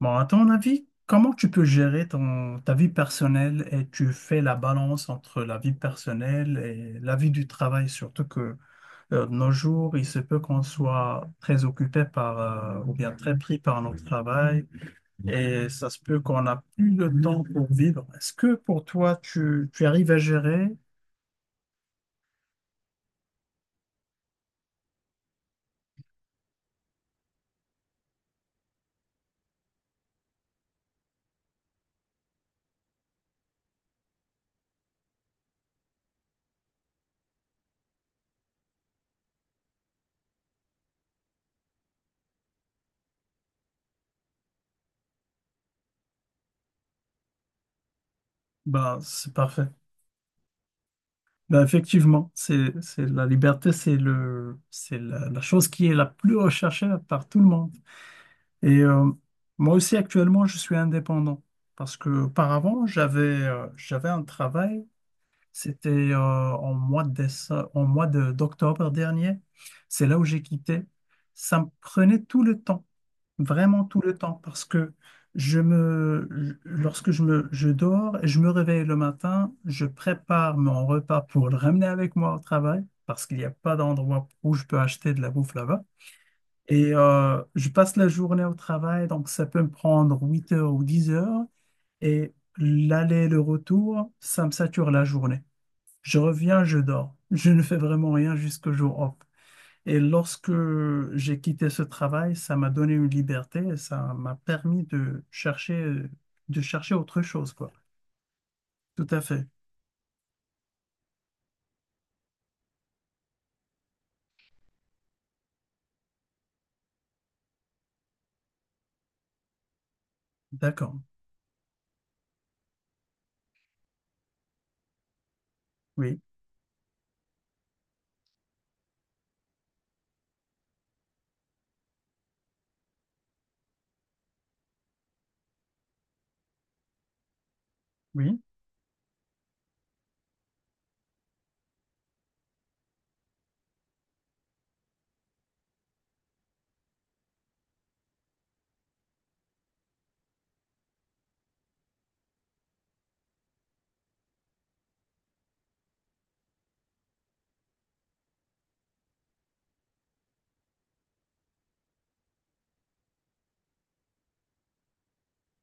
Bon, à ton avis, comment tu peux gérer ta vie personnelle et tu fais la balance entre la vie personnelle et la vie du travail, surtout que de nos jours, il se peut qu'on soit très occupé par, ou bien très pris par notre travail et ça se peut qu'on n'a plus le temps pour vivre. Est-ce que pour toi, tu arrives à gérer? Ben, c'est parfait. Ben, effectivement, c'est la liberté, c'est la chose qui est la plus recherchée par tout le monde. Et moi aussi, actuellement, je suis indépendant parce que auparavant, j'avais un travail, c'était en mois de d'octobre dernier. C'est là où j'ai quitté. Ça me prenait tout le temps, vraiment tout le temps, parce que je me, je- lorsque je me, je dors et je me réveille le matin, je prépare mon repas pour le ramener avec moi au travail parce qu'il n'y a pas d'endroit où je peux acheter de la bouffe là-bas. Et je passe la journée au travail, donc ça peut me prendre 8 heures ou 10 heures. Et l'aller et le retour, ça me sature la journée. Je reviens, je dors. Je ne fais vraiment rien jusqu'au jour off. Et lorsque j'ai quitté ce travail, ça m'a donné une liberté et ça m'a permis de chercher autre chose, quoi. Tout à fait. D'accord. Oui, oui,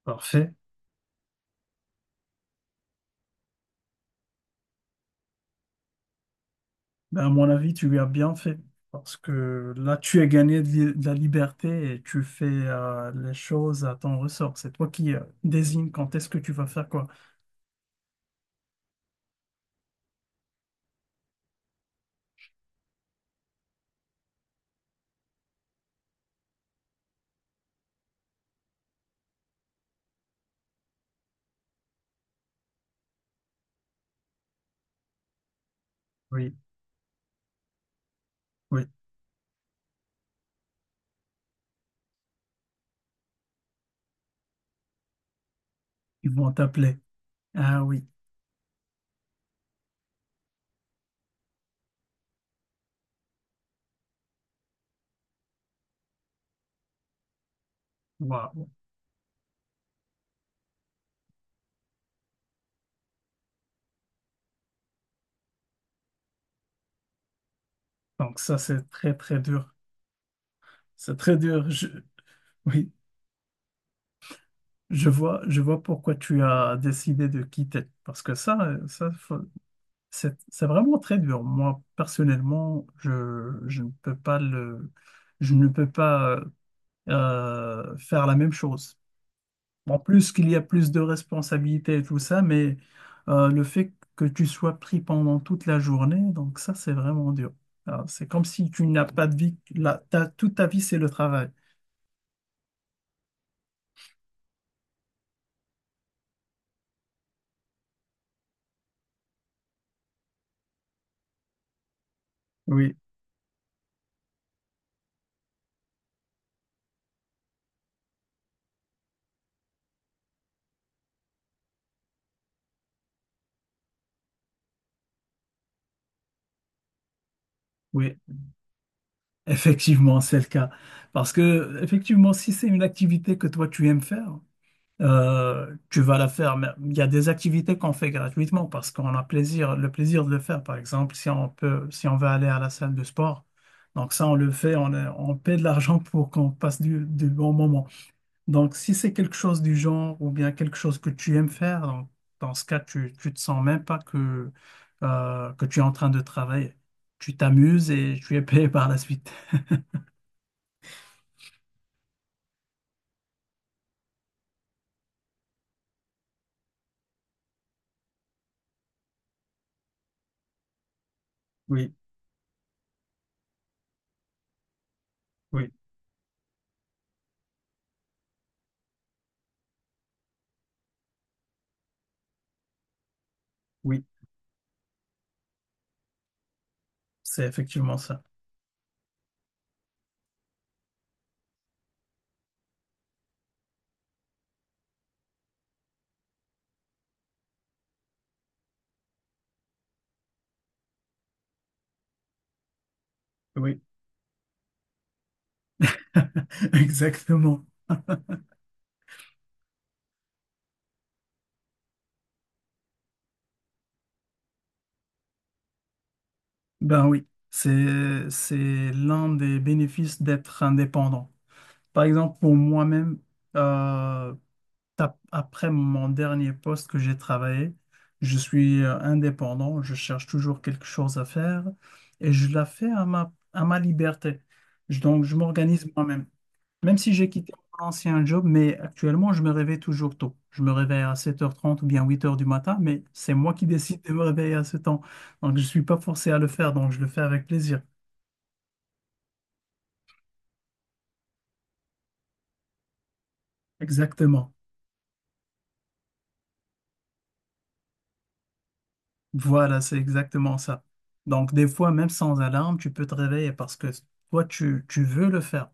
parfait. Ben, à mon avis, tu lui as bien fait. Parce que là, tu as gagné de de la liberté et tu fais les choses à ton ressort. C'est toi qui désigne quand est-ce que tu vas faire quoi. Oui, oui, ils vont t'appeler. Ah oui, waouh. Donc ça, c'est très, très dur. C'est très dur. Je- Oui, je vois pourquoi tu as décidé de quitter. Parce que ça, ça, c'est vraiment très dur. Moi, personnellement, je ne peux pas le... Je ne peux pas. Faire la même chose. En plus qu'il y a plus de responsabilités et tout ça, mais le fait que tu sois pris pendant toute la journée, donc ça, c'est vraiment dur. Alors, c'est comme si tu n'as pas de vie, là, toute ta vie, c'est le travail. Oui, oui, effectivement, c'est le cas. Parce que, effectivement, si c'est une activité que toi, tu aimes faire, tu vas la faire. Mais il y a des activités qu'on fait gratuitement parce qu'on a plaisir, le plaisir de le faire. Par exemple, si on veut aller à la salle de sport, donc ça, on le fait, on paie de l'argent pour qu'on passe du bon moment. Donc, si c'est quelque chose du genre ou bien quelque chose que tu aimes faire, donc, dans ce cas, tu te sens même pas que, que tu es en train de travailler. Tu t'amuses et tu es payé par la suite. Oui, oui, oui, c'est effectivement ça. Oui, exactement. Ben oui, c'est l'un des bénéfices d'être indépendant. Par exemple, pour moi-même, euh, après mon dernier poste que j'ai travaillé, je suis indépendant, je cherche toujours quelque chose à faire et je la fais à à ma liberté. Donc, je m'organise moi-même. Même si j'ai quitté mon ancien job, mais actuellement, je me réveille toujours tôt. Je me réveille à 7 heures 30 ou bien 8 heures du matin, mais c'est moi qui décide de me réveiller à ce temps. Donc, je ne suis pas forcé à le faire, donc je le fais avec plaisir. Exactement. Voilà, c'est exactement ça. Donc, des fois, même sans alarme, tu peux te réveiller parce que toi, tu veux le faire.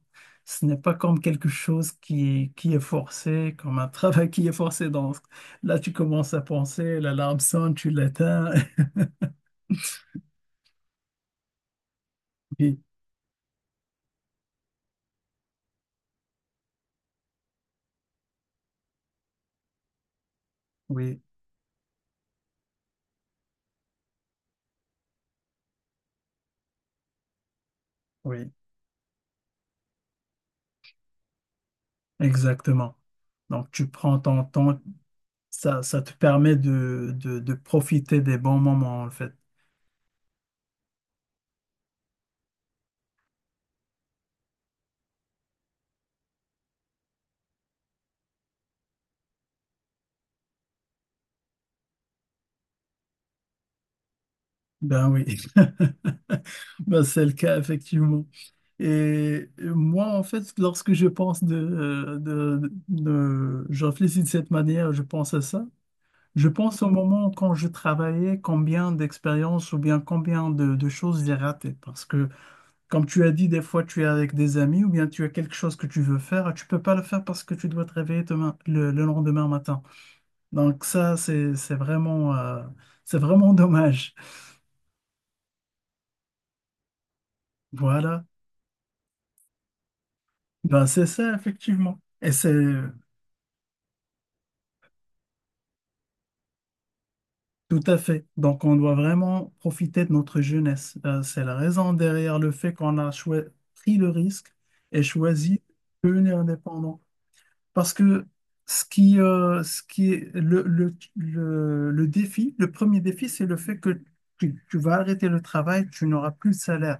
Ce n'est pas comme quelque chose qui est forcé, comme un travail qui est forcé. Donc, là, tu commences à penser, l'alarme sonne, tu l'éteins. Oui, oui, oui. Exactement. Donc, tu prends ton temps, ça te permet de profiter des bons moments, en fait. Ben oui, ben c'est le cas, effectivement. Et moi, en fait, lorsque je pense de, je réfléchis de cette manière, je pense à ça. Je pense au moment quand je travaillais, combien d'expériences ou bien combien de choses j'ai ratées. Parce que, comme tu as dit, des fois, tu es avec des amis ou bien tu as quelque chose que tu veux faire, tu peux pas le faire parce que tu dois te réveiller demain, le lendemain matin. Donc ça, c'est vraiment dommage. Voilà. Ben, c'est ça, effectivement. Et c'est tout à fait. Donc on doit vraiment profiter de notre jeunesse. C'est la raison derrière le fait qu'on a pris le risque et choisi de devenir indépendant. Parce que ce qui est le défi, le premier défi, c'est le fait que tu vas arrêter le travail, tu n'auras plus de salaire.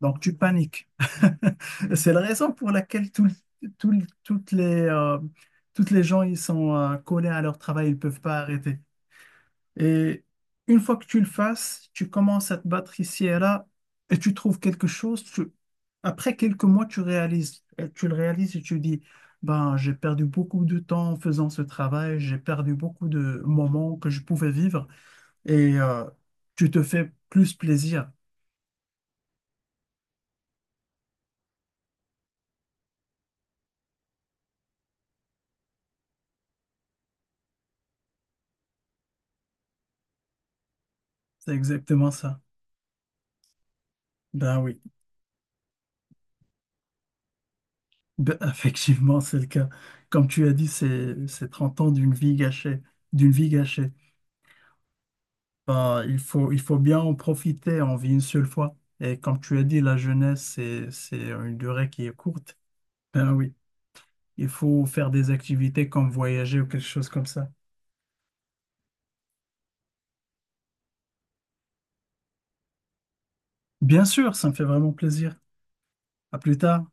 Donc, tu paniques. C'est la raison pour laquelle toutes les gens, ils sont collés à leur travail, ils ne peuvent pas arrêter. Et une fois que tu le fasses, tu commences à te battre ici et là, et tu trouves quelque chose. Après quelques mois, tu le réalises et tu dis, ben, j'ai perdu beaucoup de temps en faisant ce travail, j'ai perdu beaucoup de moments que je pouvais vivre, et tu te fais plus plaisir. C'est exactement ça. Ben oui, ben, effectivement, c'est le cas. Comme tu as dit, c'est 30 ans d'une vie gâchée, d'une vie gâchée. Ben, il faut bien en profiter, on vit une seule fois. Et comme tu as dit, la jeunesse, c'est une durée qui est courte. Ben oui, il faut faire des activités comme voyager ou quelque chose comme ça. Bien sûr, ça me fait vraiment plaisir. À plus tard.